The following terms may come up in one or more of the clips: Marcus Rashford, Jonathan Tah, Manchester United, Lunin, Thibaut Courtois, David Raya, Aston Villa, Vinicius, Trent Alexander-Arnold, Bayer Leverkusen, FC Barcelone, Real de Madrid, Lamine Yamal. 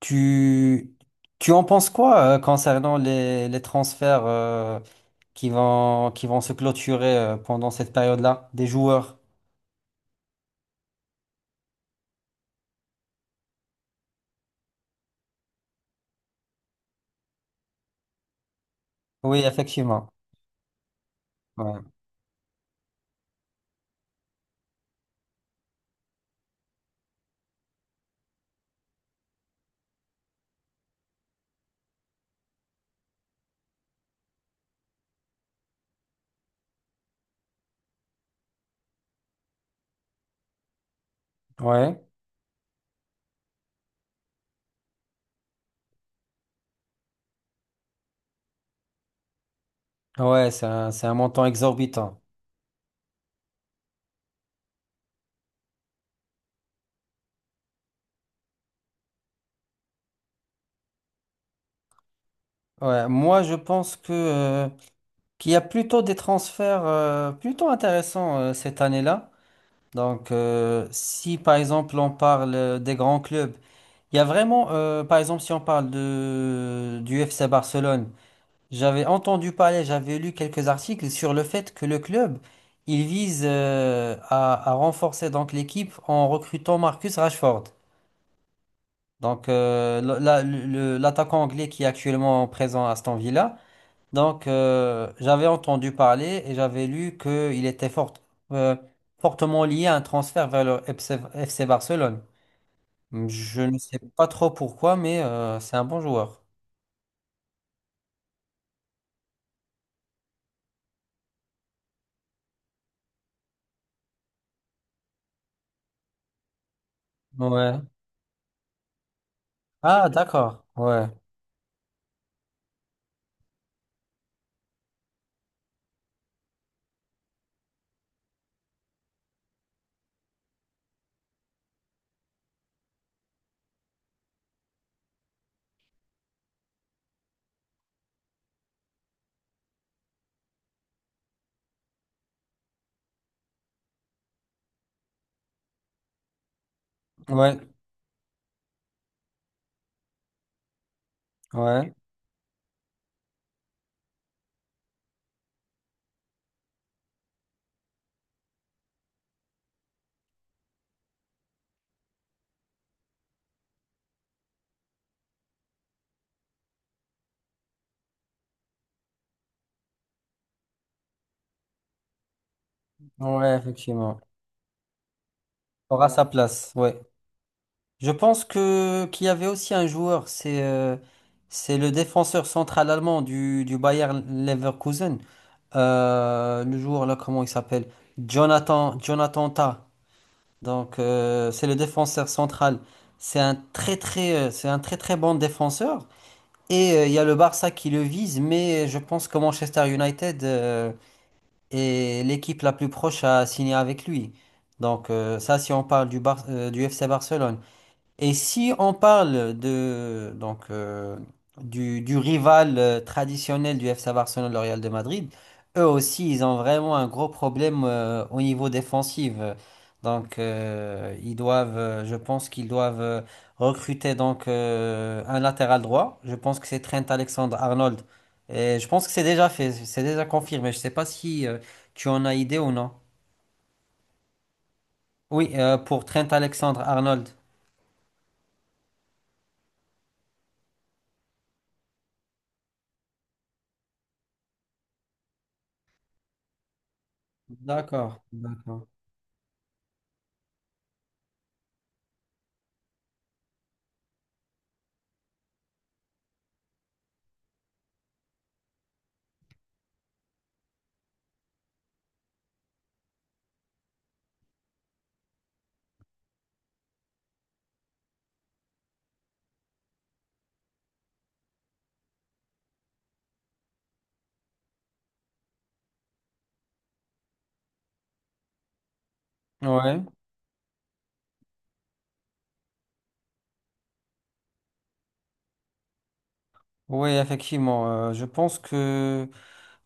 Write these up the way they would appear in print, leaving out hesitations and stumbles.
Tu, tu en penses quoi concernant les transferts qui vont se clôturer pendant cette période-là des joueurs? Oui, effectivement. Ouais, ouais, ouais, c'est un montant exorbitant. Ouais, moi, je pense que qu'il y a plutôt des transferts plutôt intéressants cette année-là. Donc, si par exemple on parle des grands clubs, il y a vraiment, par exemple, si on parle de, du FC Barcelone. J'avais entendu parler, j'avais lu quelques articles sur le fait que le club, il vise à renforcer donc l'équipe en recrutant Marcus Rashford. Donc l'attaquant anglais qui est actuellement présent à Aston Villa. Donc j'avais entendu parler et j'avais lu qu'il était euh, fortement lié à un transfert vers le FC Barcelone. Je ne sais pas trop pourquoi, mais c'est un bon joueur. Ouais. Ah, d'accord. Ouais. Ouais. Ouais. Ouais, effectivement. Aura sa place, ouais. Je pense que qu'il y avait aussi un joueur, c'est le défenseur central allemand du Bayer Leverkusen. Le joueur là, comment il s'appelle? Jonathan Tah. Donc c'est le défenseur central. C'est un très très bon défenseur. Et il y a le Barça qui le vise, mais je pense que Manchester United et l'équipe la plus proche a signé avec lui. Donc ça, si on parle du FC Barcelone. Et si on parle de donc du rival traditionnel du FC Barcelone, le Real de Madrid, eux aussi ils ont vraiment un gros problème au niveau défensif. Donc ils doivent, je pense qu'ils doivent recruter donc un latéral droit. Je pense que c'est Trent Alexander-Arnold. Et je pense que c'est déjà fait, c'est déjà confirmé. Je sais pas si tu en as idée ou non. Oui, pour Trent Alexander-Arnold. D'accord, d'accord. Ouais. Oui, effectivement. Je pense que,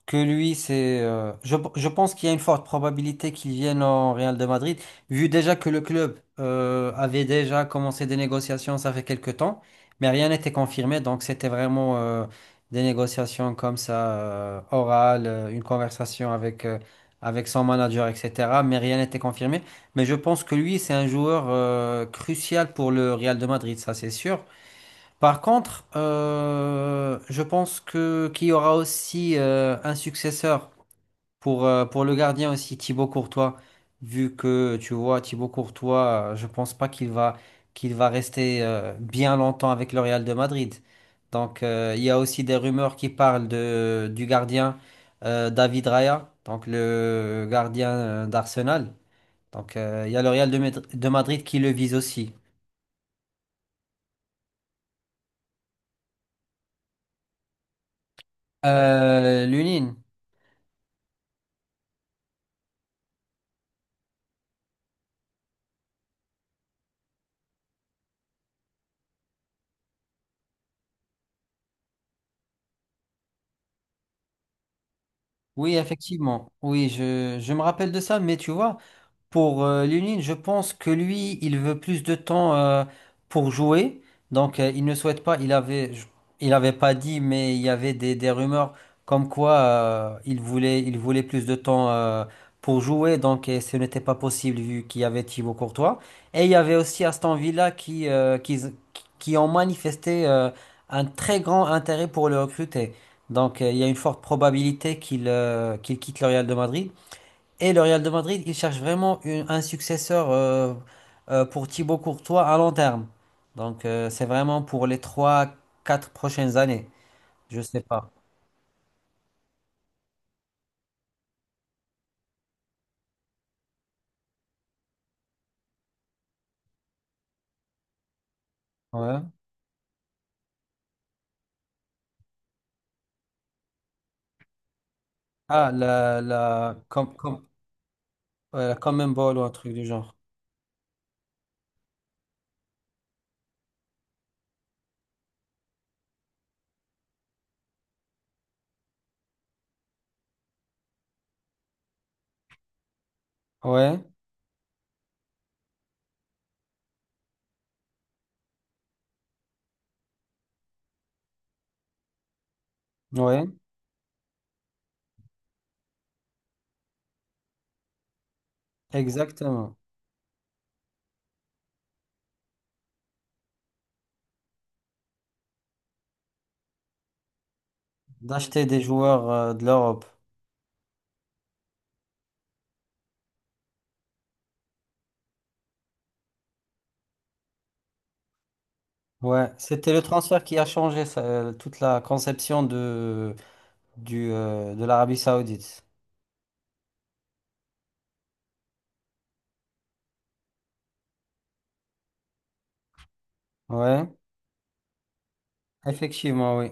que lui, je pense qu'il y a une forte probabilité qu'il vienne au Real de Madrid, vu déjà que le club avait déjà commencé des négociations, ça fait quelques temps, mais rien n'était confirmé. Donc, c'était vraiment des négociations comme ça, orales, une conversation avec, avec son manager, etc. Mais rien n'était confirmé. Mais je pense que lui, c'est un joueur crucial pour le Real de Madrid, ça, c'est sûr. Par contre, je pense que qu'il y aura aussi un successeur pour le gardien aussi, Thibaut Courtois. Vu que tu vois, Thibaut Courtois, je pense pas qu'il va qu'il va rester bien longtemps avec le Real de Madrid. Donc il y a aussi des rumeurs qui parlent de du gardien David Raya, donc le gardien d'Arsenal. Donc il y a le Real de Madrid qui le vise aussi. Lunin. Oui, effectivement. Oui, je me rappelle de ça, mais tu vois, pour Lunin, je pense que lui, il veut plus de temps pour jouer. Donc, il ne souhaite pas. Il avait pas dit, mais il y avait des rumeurs comme quoi il voulait plus de temps pour jouer. Donc, et ce n'était pas possible vu qu'il y avait Thibaut Courtois. Et il y avait aussi Aston Villa qui ont manifesté un très grand intérêt pour le recruter. Donc, il y a une forte probabilité qu'il quitte le Real de Madrid. Et le Real de Madrid, il cherche vraiment un successeur pour Thibaut Courtois à long terme. Donc c'est vraiment pour les trois, quatre prochaines années. Je sais pas. Ouais. Ah, ouais, la Common Ball ou un truc du genre. Ouais, ouais, exactement. D'acheter des joueurs de l'Europe. Ouais, c'était le transfert qui a changé ça, toute la conception de l'Arabie Saoudite. Ouais, effectivement, oui.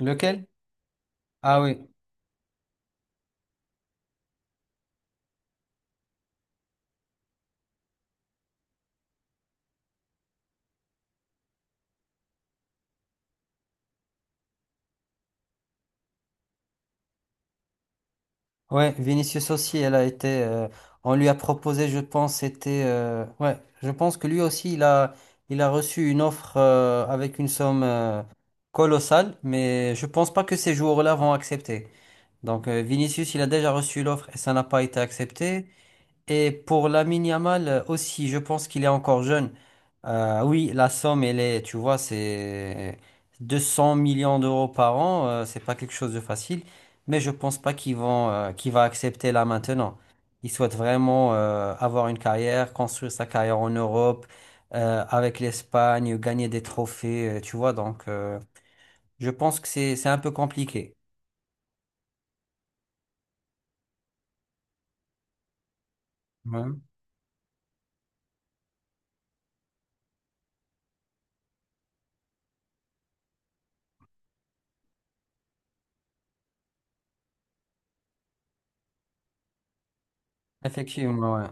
Lequel? Ah oui. Ouais, Vinicius aussi, elle a été. On lui a proposé, je pense, c'était. Ouais, je pense que lui aussi, il a reçu une offre avec une somme colossale, mais je pense pas que ces joueurs-là vont accepter. Donc, Vinicius, il a déjà reçu l'offre et ça n'a pas été accepté. Et pour Lamine Yamal aussi, je pense qu'il est encore jeune. Oui, la somme, elle est, tu vois, c'est 200 millions d'euros par an. Euh, c'est pas quelque chose de facile. Mais je pense pas qu'ils vont, qu'il va accepter là maintenant. Il souhaite vraiment avoir une carrière, construire sa carrière en Europe, avec l'Espagne, gagner des trophées, tu vois. Donc, je pense que c'est un peu compliqué. Ouais. Effectivement, ouais.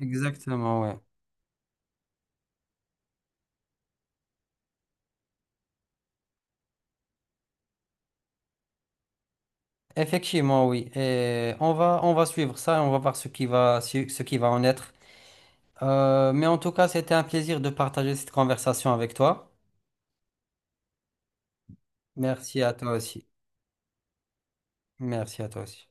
Exactement, ouais. Effectivement, oui. Et on va suivre ça et on va voir ce qui va, ce qui va en être. Mais en tout cas, c'était un plaisir de partager cette conversation avec toi. Merci à toi aussi. Merci à toi aussi.